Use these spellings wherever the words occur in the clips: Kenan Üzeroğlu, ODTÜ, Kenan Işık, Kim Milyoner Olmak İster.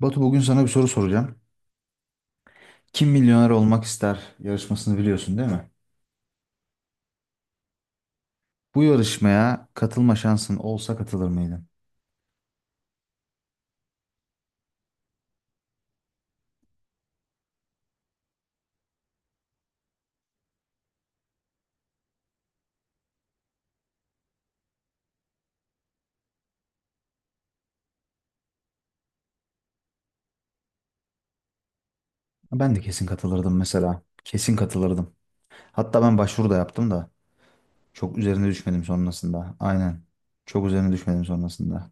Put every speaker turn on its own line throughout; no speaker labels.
Batu, bugün sana bir soru soracağım. Kim Milyoner Olmak ister yarışmasını biliyorsun değil mi? Bu yarışmaya katılma şansın olsa katılır mıydın? Ben de kesin katılırdım mesela. Kesin katılırdım. Hatta ben başvuru da yaptım da çok üzerine düşmedim sonrasında. Aynen. Çok üzerine düşmedim sonrasında.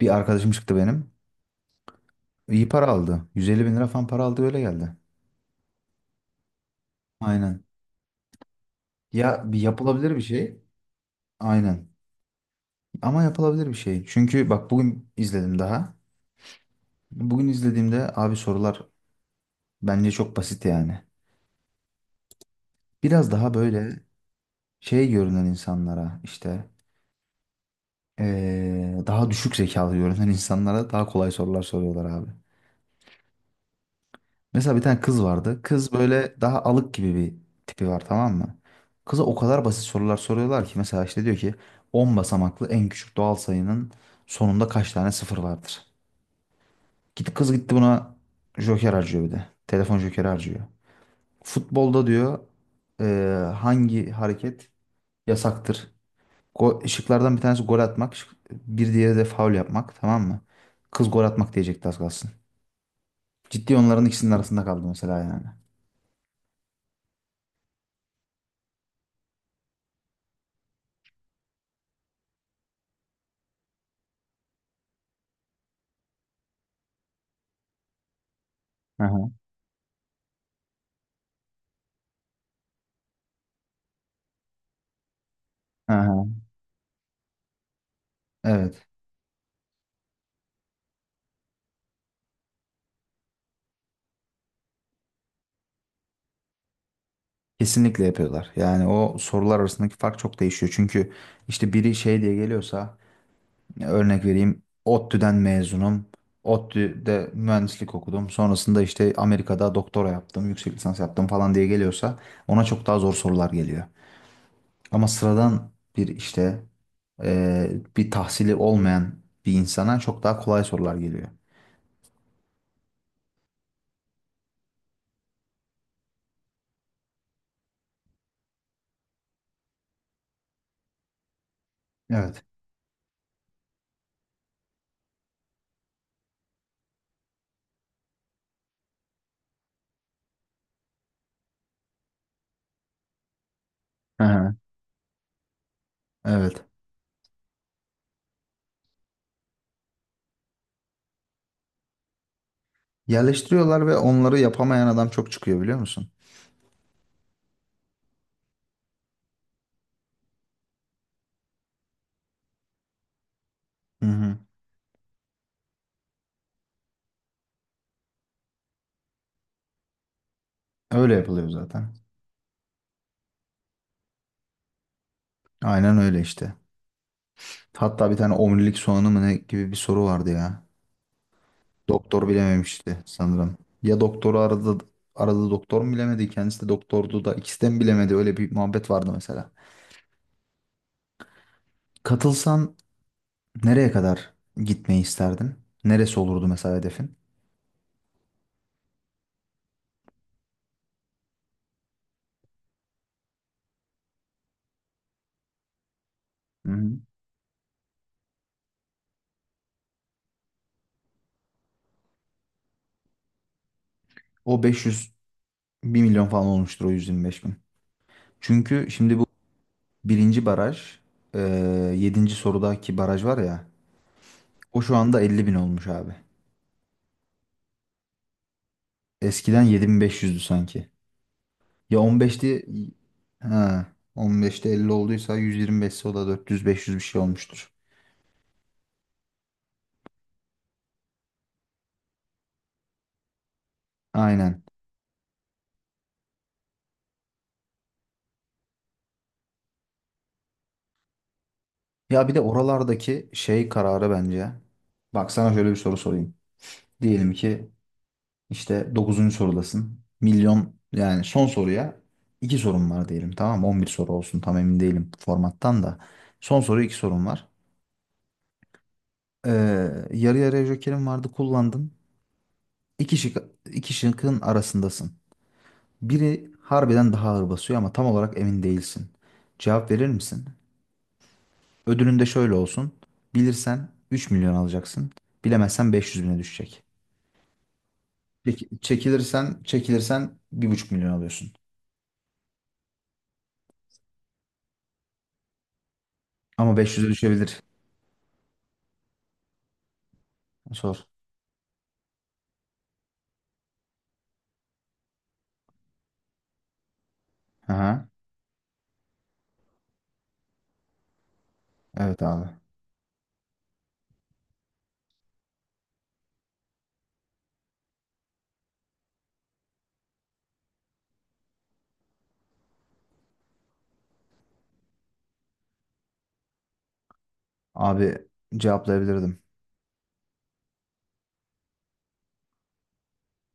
Bir arkadaşım çıktı benim. İyi para aldı. 150 bin lira falan para aldı, öyle geldi. Aynen. Ya, bir yapılabilir bir şey. Aynen. Ama yapılabilir bir şey. Çünkü bak, bugün izledim daha. Bugün izlediğimde abi, sorular bence çok basit yani. Biraz daha böyle şey görünen insanlara, işte daha düşük zekalı görünen insanlara daha kolay sorular soruyorlar abi. Mesela bir tane kız vardı. Kız böyle daha alık gibi bir tipi var, tamam mı? Kıza o kadar basit sorular soruyorlar ki, mesela işte diyor ki 10 basamaklı en küçük doğal sayının sonunda kaç tane sıfır vardır? Git kız, gitti buna joker harcıyor bir de. Telefon jokeri harcıyor. Futbolda diyor eee, hangi hareket yasaktır? Go şıklardan bir tanesi gol atmak. Bir diğeri de faul yapmak. Tamam mı? Kız gol atmak diyecekti az kalsın. Ciddi onların ikisinin arasında kaldı mesela yani. Aha. Aha. Evet. Kesinlikle yapıyorlar. Yani o sorular arasındaki fark çok değişiyor. Çünkü işte biri şey diye geliyorsa, örnek vereyim: ODTÜ'den mezunum. ODTÜ'de mühendislik okudum. Sonrasında işte Amerika'da doktora yaptım, yüksek lisans yaptım falan diye geliyorsa ona çok daha zor sorular geliyor. Ama sıradan bir işte e, bir tahsili olmayan bir insana çok daha kolay sorular geliyor. Evet. Hı hı. Evet. Yerleştiriyorlar ve onları yapamayan adam çok çıkıyor, biliyor musun? Hı hı. Öyle yapılıyor zaten. Aynen öyle işte. Hatta bir tane omurilik soğanı mı ne gibi bir soru vardı ya. Doktor bilememişti sanırım. Ya doktoru aradı, aradı doktor mu bilemedi, kendisi de doktordu da ikisi de mi bilemedi, öyle bir muhabbet vardı mesela. Katılsan nereye kadar gitmeyi isterdin? Neresi olurdu mesela hedefin? Hı hı. O 500, bir milyon falan olmuştur o 125 bin. Çünkü şimdi bu birinci baraj, e, 7. sorudaki baraj var ya, o şu anda 50 bin olmuş abi. Eskiden 7500'dü sanki. Ya, 15'ti. Ha, 15'te 50 olduysa, 125'se o da 400-500 bir şey olmuştur. Aynen. Ya, bir de oralardaki şey kararı bence. Bak, sana şöyle bir soru sorayım. Diyelim ki İşte dokuzuncu sorudasın. Milyon, yani son soruya iki sorum var diyelim, tamam mı? On bir soru olsun, tam emin değilim formattan da. Son soru, iki sorum var. Ee, yarı yarıya jokerim vardı, kullandın. İki şık, iki şıkkın arasındasın. Biri harbiden daha ağır basıyor ama tam olarak emin değilsin. Cevap verir misin? Ödülün de şöyle olsun: bilirsen 3 milyon alacaksın. Bilemezsen 500 bine düşecek. Çekilirsen, çekilirsen bir buçuk milyon alıyorsun. Ama 500'e düşebilir. Sor. Aha. Evet abi. Abi, cevaplayabilirdim.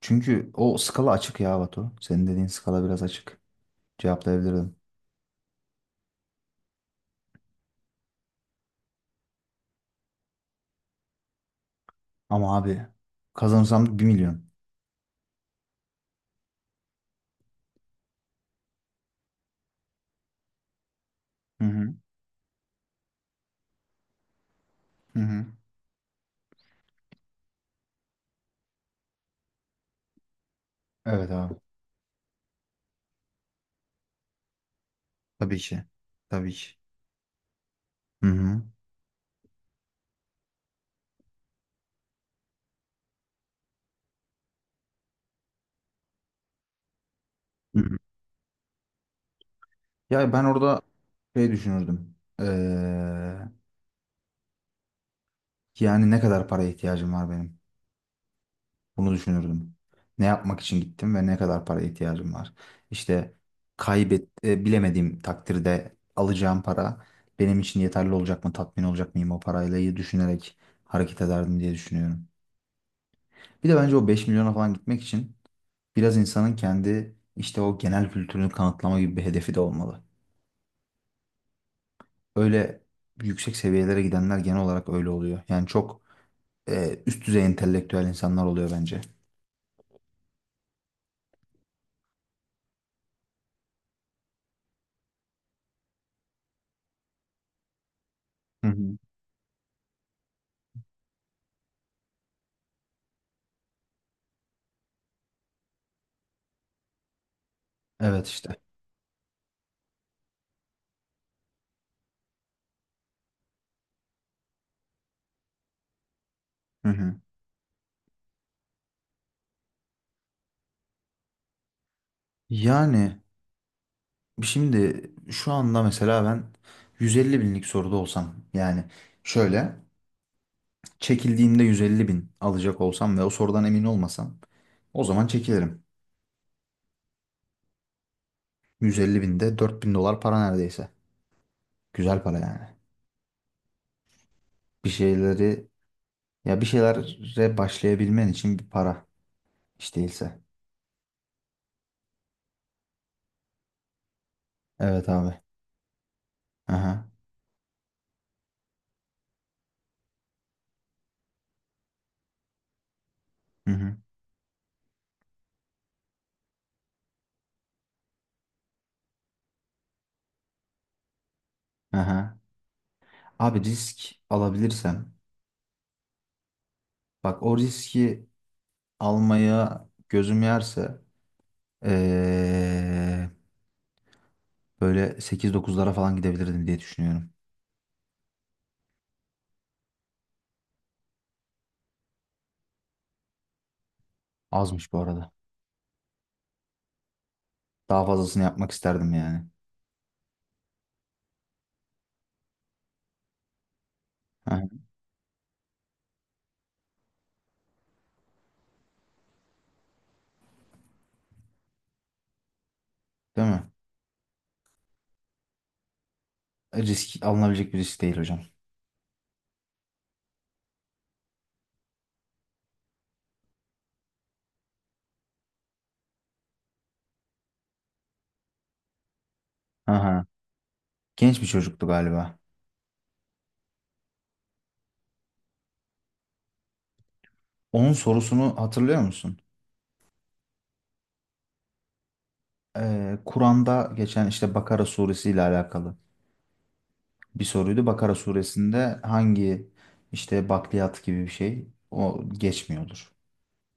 Çünkü o skala açık ya Batu. Senin dediğin skala biraz açık. Cevaplayabilirdim. Ama abi, kazanırsam bir milyon. Hı hı. Hı hı. Evet abi. Tabii ki. Tabii ki. Hı hı. Hı hı. Ya, ben orada şey düşünürdüm. Yani ne kadar paraya ihtiyacım var benim? Bunu düşünürdüm. Ne yapmak için gittim ve ne kadar para ihtiyacım var? İşte kaybet bilemediğim takdirde alacağım para benim için yeterli olacak mı, tatmin olacak mıyım o parayla, iyi düşünerek hareket ederdim diye düşünüyorum. Bir de bence o 5 milyona falan gitmek için biraz insanın kendi işte o genel kültürünü kanıtlama gibi bir hedefi de olmalı. Öyle yüksek seviyelere gidenler genel olarak öyle oluyor. Yani çok üst düzey entelektüel insanlar oluyor bence. Hı hı. Evet işte. Hı hı. Yani şimdi şu anda mesela ben 150 binlik soruda olsam, yani şöyle, çekildiğinde 150 bin alacak olsam ve o sorudan emin olmasam, o zaman çekilirim. 150 binde 4000 dolar para neredeyse. Güzel para yani. Bir şeyleri, ya bir şeylere başlayabilmen için bir para hiç değilse. Evet abi. Aha. Hı hı. Aha. Abi, risk alabilirsem, bak, o riski almaya gözüm yerse ee, böyle 8-9'lara falan gidebilirdim diye düşünüyorum. Azmış bu arada. Daha fazlasını yapmak isterdim yani. Hı. Değil mi? Risk alınabilecek bir risk değil hocam. Aha. Genç bir çocuktu galiba. Onun sorusunu hatırlıyor musun? Kur'an'da geçen işte Bakara suresi ile alakalı bir soruydu. Bakara suresinde hangi işte bakliyat gibi bir şey o geçmiyordur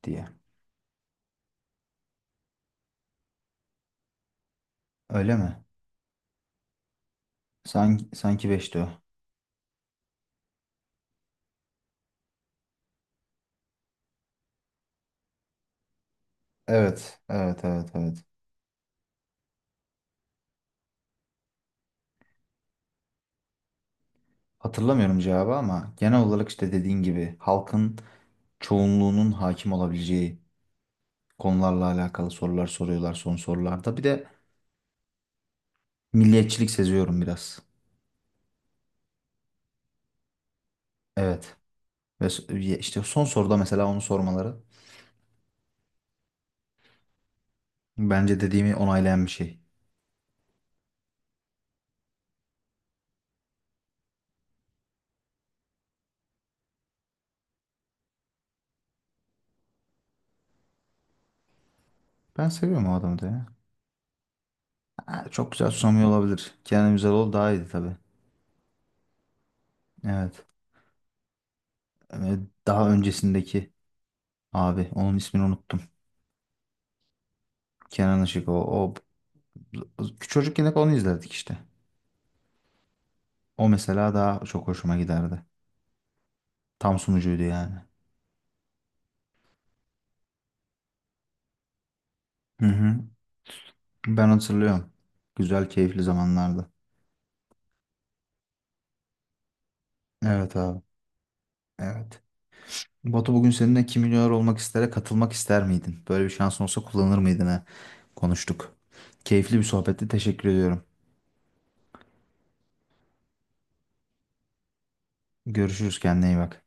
diye. Öyle mi? Sanki, sanki beşti o. Evet, evet, evet, evet. Hatırlamıyorum cevabı ama genel olarak işte dediğin gibi halkın çoğunluğunun hakim olabileceği konularla alakalı sorular soruyorlar son sorularda. Bir de milliyetçilik seziyorum biraz. Evet. Ve işte son soruda mesela onu sormaları bence dediğimi onaylayan bir şey. Ben seviyorum o adamı da ya. Ha, çok güzel susamıyor olabilir. Kenan Üzeroğlu daha iyiydi tabii. Evet. Ee, daha öncesindeki abi onun ismini unuttum. Kenan Işık, o, o çocukken hep onu izlerdik işte. O mesela daha çok hoşuma giderdi. Tam sunucuydu yani. Hı hı. Ben hatırlıyorum. Güzel, keyifli zamanlardı. Evet abi. Evet. Batu, bugün seninle Kim Milyoner Olmak istere katılmak ister miydin, böyle bir şansın olsa kullanır mıydın, ha? Konuştuk. Keyifli bir sohbetti. Teşekkür ediyorum. Görüşürüz. Kendine iyi bak.